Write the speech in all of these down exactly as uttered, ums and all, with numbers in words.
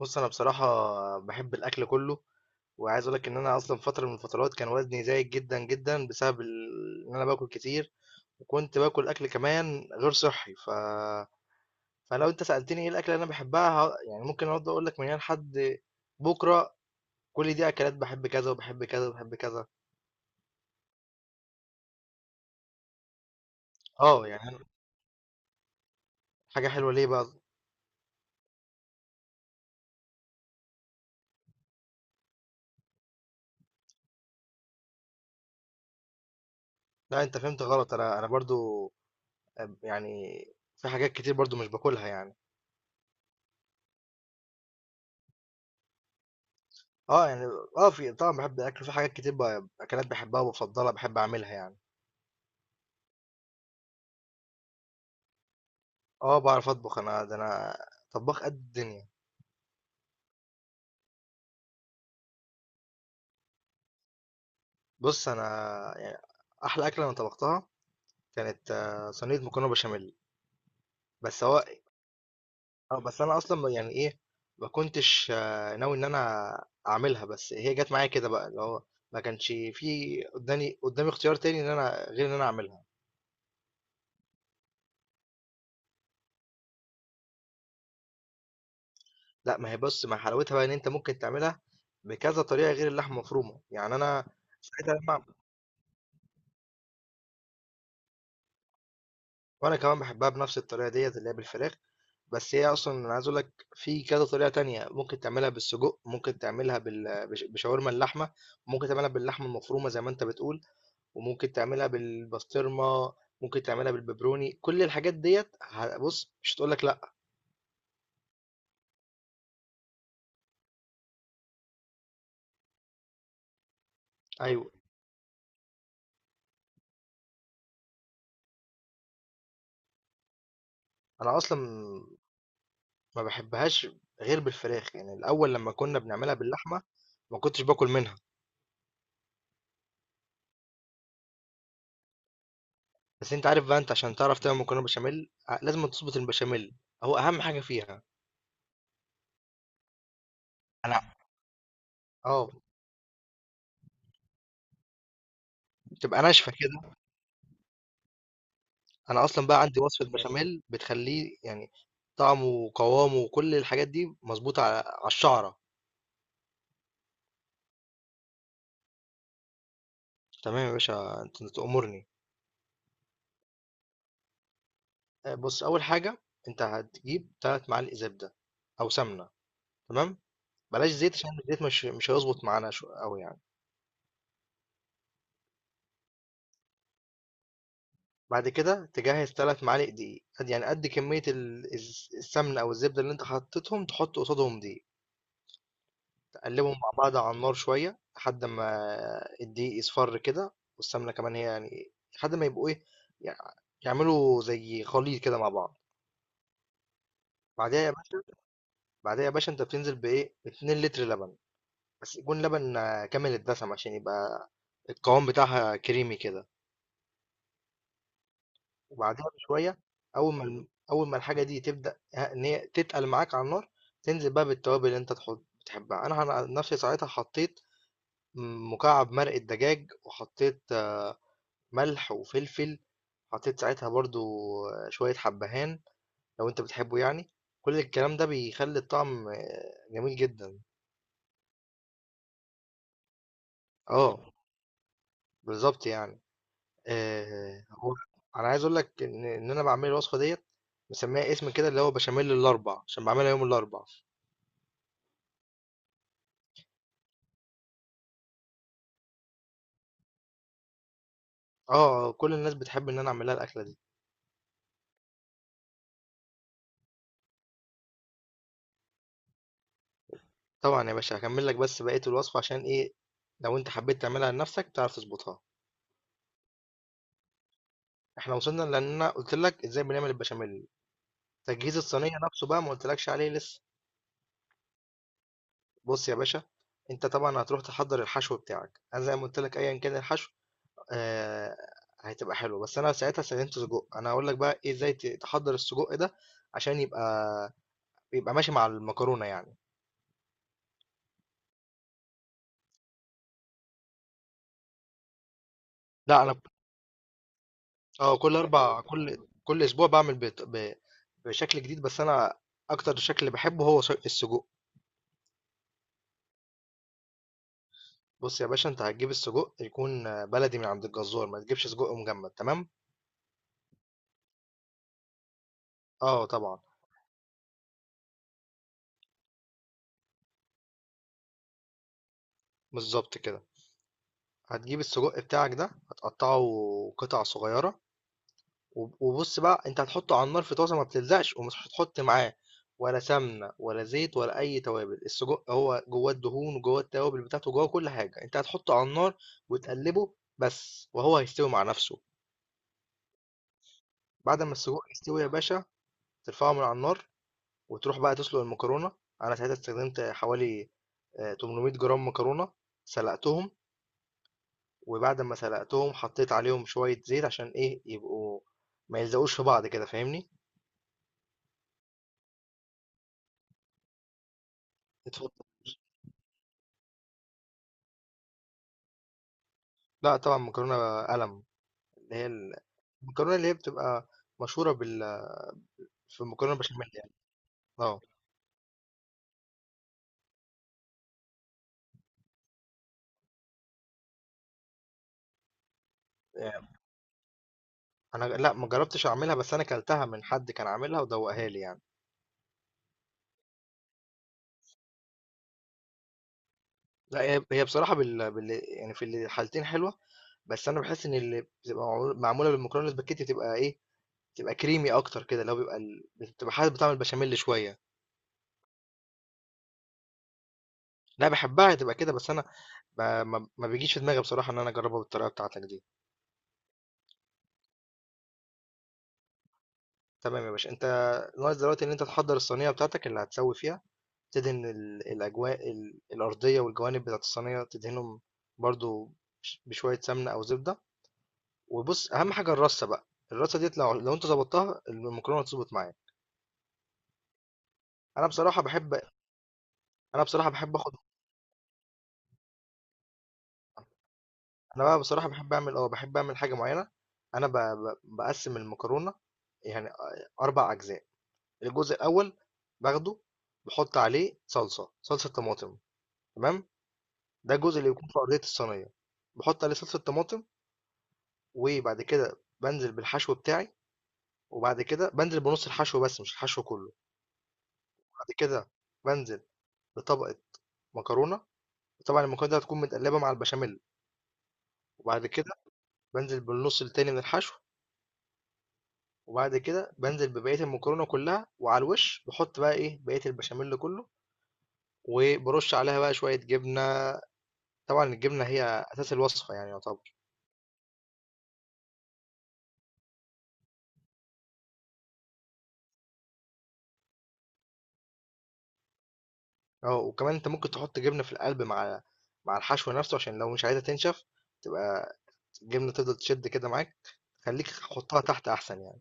بص انا بصراحه بحب الاكل كله، وعايز اقول لك ان انا اصلا فتره من الفترات كان وزني زايد جدا جدا بسبب ال- ان انا باكل كتير، وكنت باكل اكل كمان غير صحي ف... فلو انت سالتني ايه الاكل اللي انا بحبها ه- يعني ممكن اقعد اقول لك من هنا لحد بكره، كل دي اكلات بحب كذا وبحب كذا وبحب كذا. اه يعني أنا- حاجه حلوه ليه بقى؟ لا انت فهمت غلط، انا انا برضو أم- يعني في حاجات كتير برضو مش باكلها يعني. آه، يعني آه، في طبعًا باحب الأكل، في حاجات كتير ب أكلات باحبها وبافضّلها، باحب أعملها يعني. آه، باعرف أطبخ أنا، ده أنا طبّاخ قد الدنيا. بُص، أنا يعني أحلى أكلة أنا طبختها كانت آه، صينية مكرونة بشاميل. بس هو آه، بس أنا أصلًا يعني إيه، ما كنتش آه، ناوي إن أنا أعملها، بس هي جات معايا كده بقى، اللي هو ما كانش في قدّاني قدّامي اختيار تاني إن أنا غير إن أنا أعملها. لأ، ما هي بُص، ما حلاوتها بقى إن أنت ممكن تعملها بكذا طريقة غير اللحمة المفرومة، يعني أنا ساعتها لمّا وانا كمان بحبها بنفس الطريقه ديت اللي هي بالفراخ. بس هي اصلا انا عايز اقول لك في كذا طريقه تانية، ممكن تعملها بالسجق، ممكن تعملها بال- بش- بشاورما اللحمه، ممكن تعملها باللحمه المفرومه زي ما انت بتقول، وممكن تعملها بالبسطرمه، ممكن تعملها بالبيبروني. كل الحاجات ديت ه- بص مش هتقول لك لا. ايوه انا اصلا ما بحبهاش غير بالفراخ، يعني الاول لما كنا بنعملها باللحمه ما كنتش باكل منها. بس انت عارف بقى، انت عشان تعرف تعمل مكرونه بشاميل ع- لازم تظبط البشاميل، هو اهم حاجه فيها. انا آه، بتبقى ناشفة كده. أنا أصلًا بقى عندي وصفة بشاميل بتخلّيه يعني طعمه وقوامه وكل الحاجات دي مضبوطة ع على الشعرة. تمام يا باشا أنت تأمرني. آآ بُص، أول حاجة أنت هتجيب تلات معالق زبدة أو سمنة، تمام، بلاش زيت عشان الزيت مش مش هيضبط معانا شو أوي يعني. بعد كده تجهّز تلات معالق دقيق، قد يعني قد كمية ال الز السمنة أو الزبدة اللي أنت حطيتهم، تحط قصادهم دقيق. قلبهم مع بعض على النار شوية لحد ما الدقيق يصفر كده والسمنة كمان، هي يعني لحد ما يبقوا ايه، يع- يعملوا زي خليط كده مع بعض. بعدها يا باشا بعدها يا باشا انت بتنزل بايه اتنين لتر لبن، بس يكون لبن آه، كامل الدسم عشان يبقى القوام بتاعها كريمي كده. وبعدها بشوية اول ما الم- اول ما الحاجة دي تبدأ ه- ان هي تتقل معاك على النار، تنزل بقى بالتوابل اللي انت تحط بتحبها. انا عن نفسي ساعتها حطيت مكعب مرق الدجاج، وحطيت ملح وفلفل، حطيت ساعتها برضو شوية حبهان لو أنت بتحبه يعني، كل الكلام ده بيخلي الطعم آه، جميل جدًا. آه، بالضبط يعني. آآ هو أنا عايز أقول لك إن إن أنا باعمل الوصفة ديّة مسميها اسم كده اللي هو بشاميل الأربع، عشان باعملها يوم الأربع. آه، آه، كل الناس بتحب إن أنا أعمل لها الأكلة دي. طبعًا يا باشا هاكمل لك بس بقية الوصفة، عشان إيه، لو أنت حبيت تعملها لنفسك تعرف تضبطها. إحنا وصلنا لإن أنا قُلت لك إزاي بنعمل البشاميل. تجهيز الصينية نفسه بقى ما قلتلكش عليه لسه. بص يا باشا، انت طبعا هتروح تحضر الحشو بتاعك. انا زي ما قلت لك ايا كان الحشو آه هتبقى حلوه، بس انا ساعتها استخدمت سجق. انا هقول لك بقى ايه ازاي ت- تحضر السجق ده عشان يبقى يبقى ماشي مع المكرونه يعني. لا انا اه كل اربع، كل كل اسبوع بعمل بت- ب- بشكل جديد، بس انا اكتر شكل اللي بحبه هو ش- السجق. بص يا باشا، انت هتجيب السجق يكون بلدي من عند الجزار، ما تجيبش سجق مجمد، تمام. اه طبعا. بالظبط كده، هتجيب السجق بتاعك ده هتقطعه قطع صغيرة، وب- وبص بقى، انت هتحطه على النار في طاسة ما بتلزقش، ومش هتحط معاه ولا سمنة ولا زيت ولا أي توابل. السجق هو جواه الدهون وجواه التوابل بتاعته، جواه كل حاجة. انت هتحطه على النار وتقلبه بس، وهو هيستوي مع نفسه. بعد ما السجق يستوي يا باشا، ترفعه من على النار وتروح بقى تسلق المكرونة. أنا ساعتها استخدمت حوالي آه، ثمانمائة جرام مكرونة، سلقتهم، وبعد ما سلقتهم حطيت عليهم شوية زيت عشان ايه يبقوا ما يلزقوش في بعض كده، فاهمني؟ اتفضل. لا طبعا مكرونة قلم، اللي هي ال- المكرونة اللي هي بتبقى مشهورة بال في المكرونة بشاميل يعني. اه يعني انا لا ما جربتش اعملها، بس انا كلتها من حد كان عاملها ودوقها لي يعني. لا هي هي بصراحة بال... بال... يعني في الحالتين حلوة، بس انا بحس ان اللي بتبقى معمول- معمولة بالمكرونة الاسباجيتي بتبقى ايه، بتبقى كريمي اكتر كده. لو بيبقى ال... بتبقى حاسس بطعم البشاميل شوية. لا بحبها تبقى كده بس انا ما ما ما بيجيش في دماغي بصراحة إن أنا أجربها بالطريقة بتاعتك دي. تمام يا باشا. أنت ناقص دلوقتي إن أنت تحضر الصينية بتاعتك اللي هتسوي فيها، تدهن ال- الأجواء ال- الأرضية والجوانب بتاعت الصينية، تدهنهم برضو بش- بشوية سمنة أو زبدة. وبص، أهم حاجة الرصة بقى، الرصة ديت لو لو أنت ظبطتها المكرونة هتظبط معايا. أنا بصراحة بحب أنا بصراحة بحب آخد، أنا بقى بصراحة بحب أعمل أه بحب أعمل حاجة معينة. أنا ب... ب... بقسم المكرونة يعني أربع أجزاء. الجزء الاول باخده بحط عليه صلصه صلصه طماطم، تمام. ده الجزء اللي بيكون في ارضيه الصينيه، بحط عليه صلصه طماطم. وبعد كده بنزل بالحشو بتاعي، وبعد كده بنزل بنص الحشو بس مش الحشو كله. بعد كده بنزل بطبقه مكرونه، طبعا المكرونه دي هتكون متقلبه مع البشاميل. وبعد كده بنزل بالنص التاني من الحشو، وبعد كده بنزل ببقيه المكرونه كلها. وعلى الوش بحط بقى ايه بقيه البشاميل كله، وبرش عليها بقى شويه جبنه. طبعًا الجبنة هي أساس الوصفة يعني يعتبر. آه، وكمان أنت ممكن تحط جبنة في القلب مع مع الحشو نفسه، عشان لو مش عايزها تنشف، تبقى الجبنة تفضل تشد كده معاك. خلّيك حُطّها تحت أحسن يعني.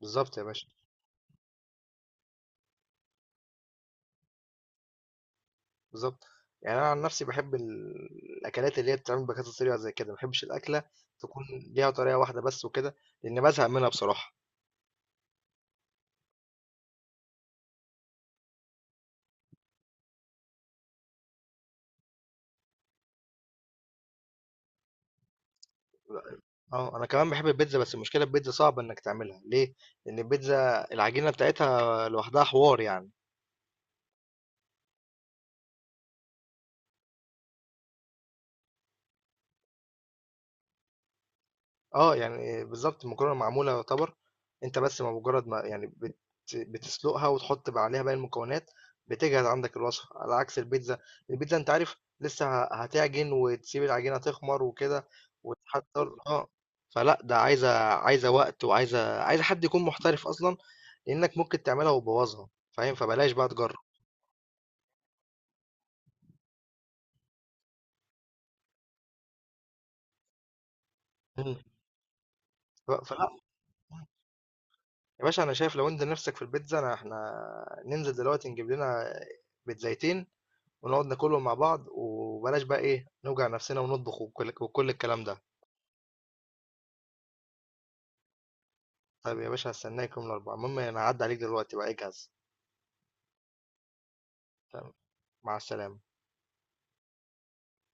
بالضبط يا باشا. بالضبط، يعني أنا عن نفسي باحب ال الأكلات اللي هي بتتعمل بكذا طريقة زي كده، ما باحبش الأكلة تكون ليها طريقة واحدة بس وكده، لإن بازهق منها بصراحة. آه، أنا كمان باحب البيتزا، بس المشكلة البيتزا صعبة إنك تعملها، ليه؟ لإن البيتزا العجينة بتاعتها لوحدها حوار يعني. آه، يعني بالضبط المكرونة معمولة يعتبر، أنت بس بمجرد ما يعني بت بتسلقها وتحط بقى عليها باقي المكونات، بتجهز عندك الوصفة، على عكس البيتزا. البيتزا أنت عارف لسه ه هتعجن وتسيب العجينة تخمر وكده وتحضّر آه، فلأ ده عايزة عايزة وقت وعايزة عايزة حد يكون محترف أصلًا، لإنك ممكن تعملها وتبوّظها، فاهم؟ فبلاش بقى تجرّب. إمم. ف فلأ يا باشا أنا شايف لو أنت نِفْسك في البيتزا، أنا إحنا ننزل دلوقتي نجيب لنا بيتزايتين ونقعد ناكلهم مع بعض، وبلاش بقى ايه نوجع نفسنا ونطبخ وكل, وكل الكلام ده. طيب يا باشا هستناكم الاربعاء، المهم انا هعدي عليك دلوقتي بقى اجهز. تمام، مع السلامة.